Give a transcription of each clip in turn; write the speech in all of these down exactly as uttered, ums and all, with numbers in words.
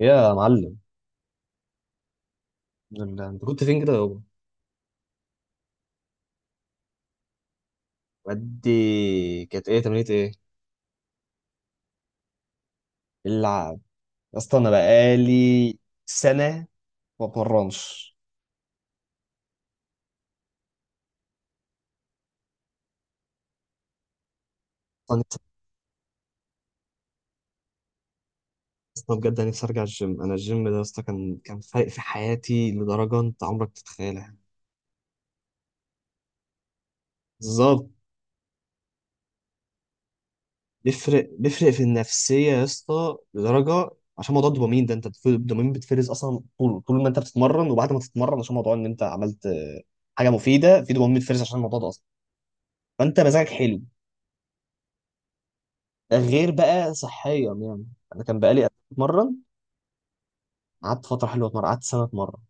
يا معلم. ال- انت كنت فين كده يابا؟ ودي كانت ايه؟ تمرينة ايه؟ اللعب. يا اسطى انا بقالي سنه ما بتمرنش. أنا نفسي- اصلا بجد انا نفسي ارجع الجيم. انا الجيم ده يا اسطى كان كان فارق في حياتي لدرجه انت عمرك تتخيلها. بالظبط. بيفرق بيفرق في النفسيه يا اسطى لدرجه عشان موضوع الدوبامين ده. انت بتف- الدوبامين بتفرز اصلا طول طول ما انت بتتمرن وبعد ما تتمرن، عشان موضوع ان انت عملت آه، حاجه مفيده، في دوبامين بتفرز عشان الموضوع ده اصلا، فانت مزاجك حلو، غير بقى صحيا يعني. انا كان بقالي قبل ما اتمرن، قعدت فتره حلوه اتمرن، قعدت سنه اتمرن،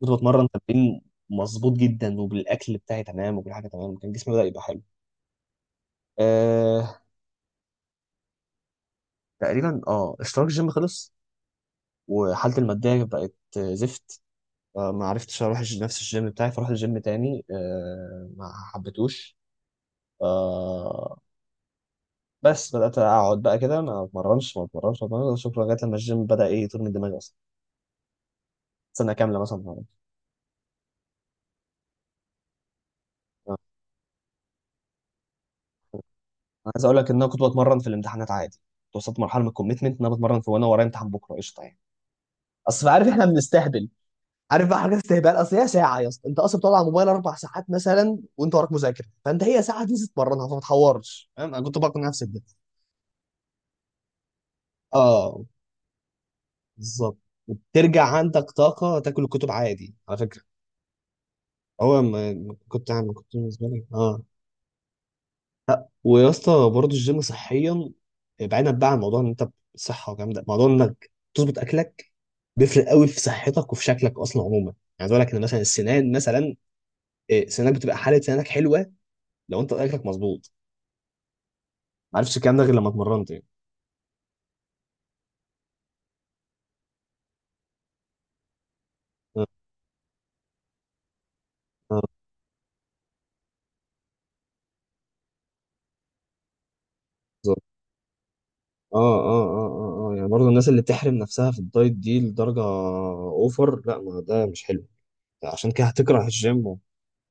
كنت بتمرن تمرين مظبوط جدا، وبالاكل بتاعي تمام، وكل حاجه تمام، كان جسمي بدا يبقى حلو. أه. تقريبا اه اشتراك الجيم خلص، وحالتي الماديه بقت آه، زفت. آه، ما عرفتش اروح الج- نفس الجيم بتاعي. فرحت الجيم تاني أه، ما حبيتهوش. أه، بس بدات اقعد بقى كده ما اتمرنش ما اتمرنش ما اتمرنش شكرا، لغايه لما الجيم بدا ايه يطير من دماغي اصلا. سنه كامله مثلا ما اتمرنش. عايز اقول لك ان انا كنت بتمرن في الامتحانات عادي. كنت وصلت مرحله من الكوميتمنت ان انا بتمرن في، وانا ورايا امتحان بكره، قشطه يعني. اصل عارف احنا بنستهبل، عارف بقى حاجات استهبال. اصل هي ساعه يا اسطى، انت اصلا بتقعد على الموبايل اربع ساعات مثلا وانت وراك مذاكره، فانت هي ساعه تنزل تتمرنها فما تحورش، فاهم؟ انا كنت بقنع نفسي بده. اه بالظبط. وبترجع عندك طاقه تاكل الكتب عادي على فكره. هو ما ما كنت عامل، كنت بالنسبه لي اه. ويا اسطى برضه الجيم صحيا، بعيدا بقى عن موضوع ان انت صحه والكلام ده، موضوع انك تظبط اكلك بيفرق قوي في صحتك وفي شكلك اصلا عموما يعني. عايز اقول لك ان مثلا السنان مثلا، إيه، سنانك بتبقى حاله، سنانك حلوه لو انت اكلك مظبوط. ما عرفتش الكلام ده غير لما اتمرنت يعني. اه اه بالظبط. اه اه اه اه آه. يعني برضه الناس اللي بتحرم نفسها في الدايت دي لدرجه اوفر، لا، ما ده مش حلو. عشان كده هتكره الجيم.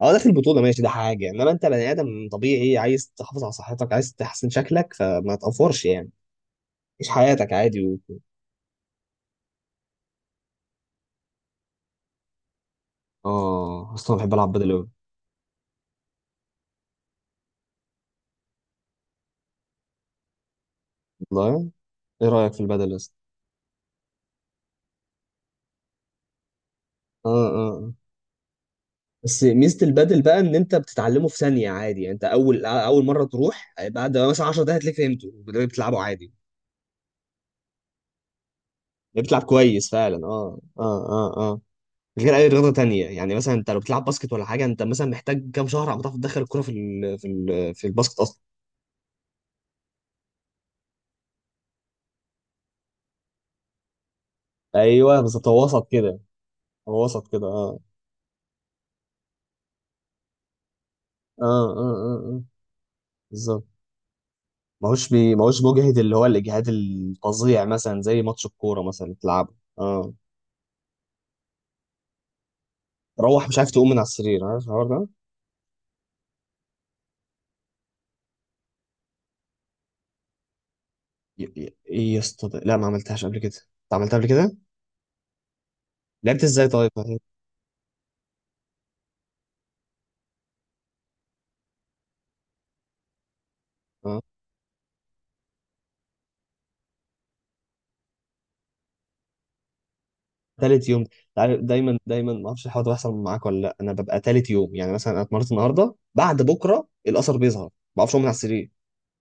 اه داخل بطولة ماشي، ده حاجة، انما انت بني ادم طبيعي عايز تحافظ على صحتك، عايز تحسن شكلك، فما تقفرش يعني. عيش حياتك عادي و... اه. اصلا بحب العب بدل اوي. والله؟ ايه رأيك في البدل اصلا؟ اه اه آه. بس ميزة البدل بقى ان انت بتتعلمه في ثانية عادي. يعني انت اول اول مرة تروح بعد مثلا عشر دقايق هتلاقيك فهمته بتلعبه عادي. بتلعب كويس فعلا اه اه اه اه. غير اي رياضه تانية يعني، مثلا انت لو بتلعب باسكت ولا حاجه، انت مثلا محتاج كام شهر عم تعرف تدخل الكره في ال في ال في الباسكت اصلا. ايوه بالظبط، هو وسط كده. هو وسط كده اه. اه اه اه آه. بالظبط. ماهوش بي... ماهوش مجهد، اللي هو الاجهاد الفظيع مثلا زي ماتش الكوره مثلا تلعبه. اه تروح مش عارف تقوم من على السرير، عارف الحوار ده؟ ي- ي- ايه يا اسطى ده؟ لا ما عملتهاش قبل كده. انت عملتها قبل كده؟ لعبت ازاي طيب؟ اه. تالت يوم. عارف دايما دايما ما اعرفش الحوار ده بيحصل معاك ولا لا؟ انا ببقى تالت يوم، يعني مثلا انا اتمرنت النهارده بعد بكره الاثر بيظهر، ما بعرفش اقوم من على السرير،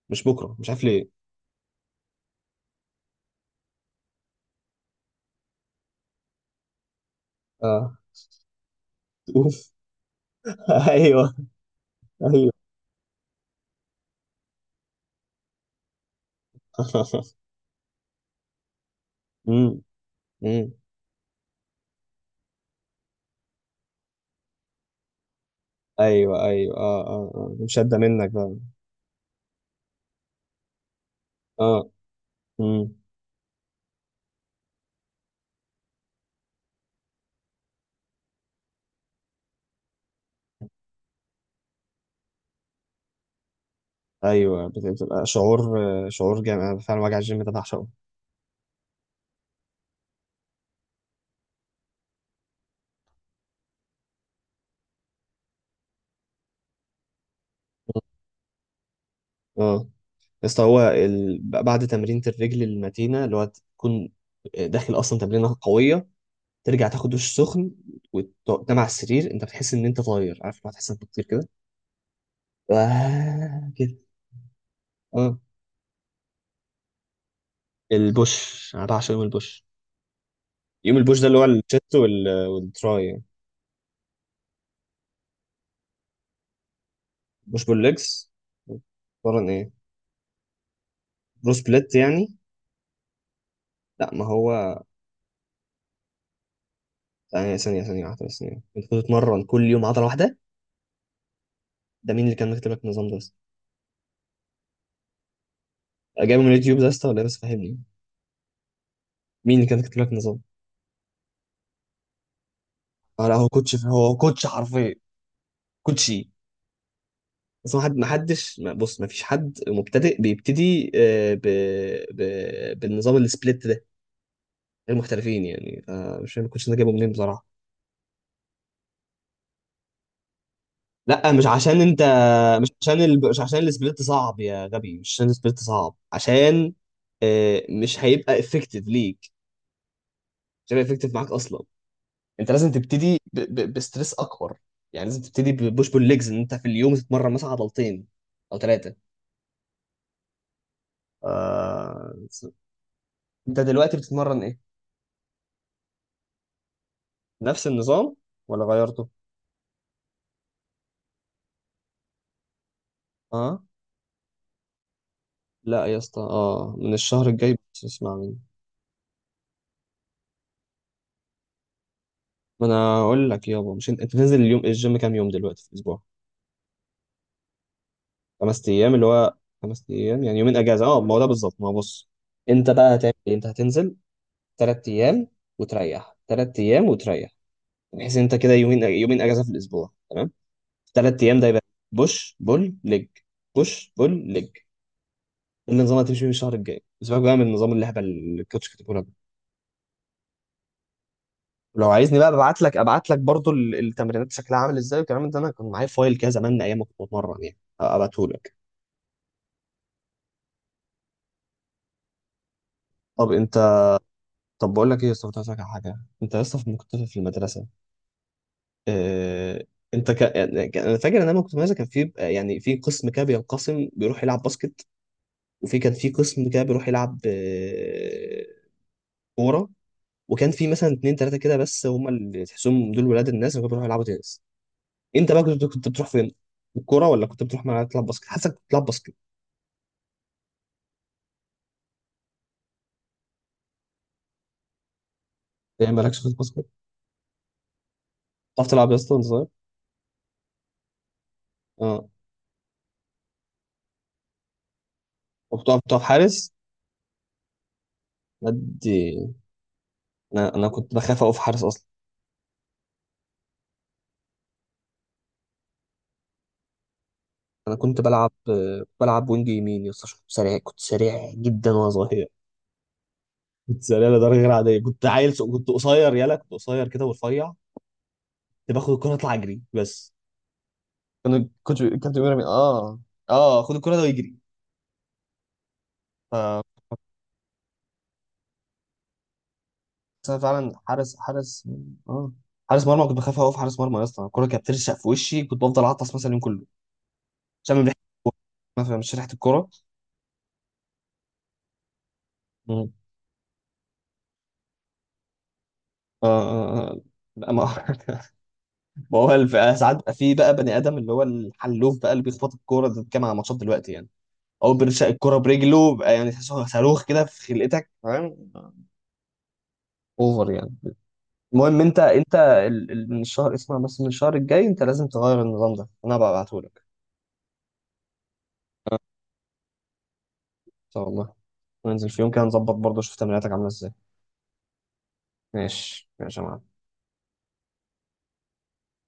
مش بكره، مش عارف ليه. اه. اوف. ايوه. ايوه. امم امم ايوه. ايوه اه اه اه، مش قد منك بقى. اه. امم ايوه. بت- بتبقى شعور، آه، شعور جامد، انا فعلا وجع الجيم ده بعشقه. اه آه. يا اسطى هو ال... بعد تمرينة الرجل المتينة، اللي هو تكون داخل اصلا تمرينة قوية، ترجع تاخد دش سخن وتنام على السرير، انت بتحس ان انت طاير، عارف لما تحس انك بتطير كده؟ آه كده. اه. البوش، انا بعشق يوم البوش. يوم البوش ده اللي هو الشيست وال... والتراي. مش بالليجز؟ بتمرن ايه؟ برو سبليت يعني؟ لا ما هو ثانية ثانية ثانية واحدة بس ثانية، انت كنت بتتمرن كل يوم عضلة واحدة؟ ده مين اللي كان مكتب لك النظام ده بس؟ جايبه من اليوتيوب ده يا اسطى ولا إيه؟ بس فهمني. مين اللي كان مكتب لك النظام؟ اه. لا هو كوتش، هو كوتش حرفيا، كوتشي. بس ما حد، ما حدش، ما بص، ما فيش حد مبتدئ بيبتدي آه، ب... ب... بالنظام السبليت ده غير محترفين يعني. فمش فاهم الكوتش ده جايبه منين بصراحة. لا مش عشان انت، مش عشان ال... مش عشان السبليت صعب يا غبي، مش عشان السبليت صعب، عشان آه، مش هيبقى افكتيف ليك، مش هيبقى افكتيف معاك اصلا. انت لازم تبتدي ب... ب... بستريس اكبر، يعني لازم تبتدي ببوش بول ليجز، ان انت في اليوم تتمرن مثلا عضلتين او ثلاثه. آه. انت دلوقتي بتتمرن ايه؟ نفس النظام ولا غيرته؟ اه. لا يا اسطى، اه من الشهر الجاي بس اسمع مني. ما انا اقول لك يابا، مش انت، انت نازل اليوم الجيم كام يوم دلوقتي في الاسبوع؟ خمس ايام، اللي هو خمس ايام، يعني يومين اجازه. اه ما هو ده بالظبط. ما هو بص، انت بقى هتعمل ايه؟ انت هتنزل ثلاث ايام وتريح، ثلاث ايام وتريح يعني، بحيث انت كده يومين، يومين اجازه في الاسبوع، تمام. ثلاث ايام ده يبقى بوش بول ليج، بوش بول ليج. ده النظام اللي هتمشي فيه الشهر الجاي، اسيبك بقى من النظام اللهبل اللي الكوتش كاتبه لك. لو عايزني بقى ابعت لك، ابعت لك برضو ال- التمرينات شكلها عامل ازاي والكلام ده، انا كان معايا فايل كده زمان ايام ما كنت بتمرن يعني، ابعته لك. طب انت طب بقول لك ايه يا اسطى، كنت عايز أسألك على حاجه. انت يا اسطى في- كنت في المدرسه، آه، انت ك... يعني ك- انا فاكر ان انا لما كنت مدرسه كان في بقى- يعني في قسم كده بينقسم بيروح يلعب باسكت، وفي كان في قسم كده بيروح يلعب آه، كوره، وكان في مثلا اتنين تلاته كده بس هم اللي تحسهم دول ولاد الناس اللي كانوا بيروحوا يلعبوا تنس. انت بقى كنت كنت بتروح فين؟ الكوره ولا كنت بتروح ملعب تلعب باسكت؟ حاسسك كنت بتلعب باسكت. ايه مالكش في الباسكت؟ بتعرف تلعب يا اسطى وانت صغير؟ اه. وبتقف بتقف حارس؟ ادي. انا انا كنت بخاف اقف حارس اصلا. انا كنت بلعب كنت بلعب وينج يمين يا اسطى عشان كنت سريع، كنت سريع جدا وانا صغير. كنت سريع لدرجه غير عاديه، كنت عيل ص- كنت قصير يلا، كنت قصير كده ورفيع. كنت باخد الكره اطلع اجري بس. كان كنت كان بيقول لي اه، اه خد الكرة ده ويجري. ف، بس انا فعلا حارس حارس اه حارس مرمى، كنت بخاف اقف حارس مرمى يا اسطى. الكرة كانت بترشق في وشي، كنت بفضل اعطس مثلا اليوم كله عشان من ريحة الكورة، مثلا مش ريحة الكرة. مم. آه آه آه. لا ما ما هو الف- ساعات بقى في بقى بني ادم اللي هو الحلوف بقى اللي بيخبط الكوره ده كام على ماتشات دلوقتي يعني، او بيرشق الكوره برجله بقى يعني تحسه صاروخ كده في خلقتك، فاهم؟ اوفر يعني. المهم انت، انت ال- ال- من الشهر اسمع بس، من الشهر الجاي انت لازم تغير النظام ده، انا بقى ابعتهولك. ان شاء الله. وننزل في يوم كده نظبط برضه، شوف تمريناتك عامله ازاي. ماشي ماشي يا معلم.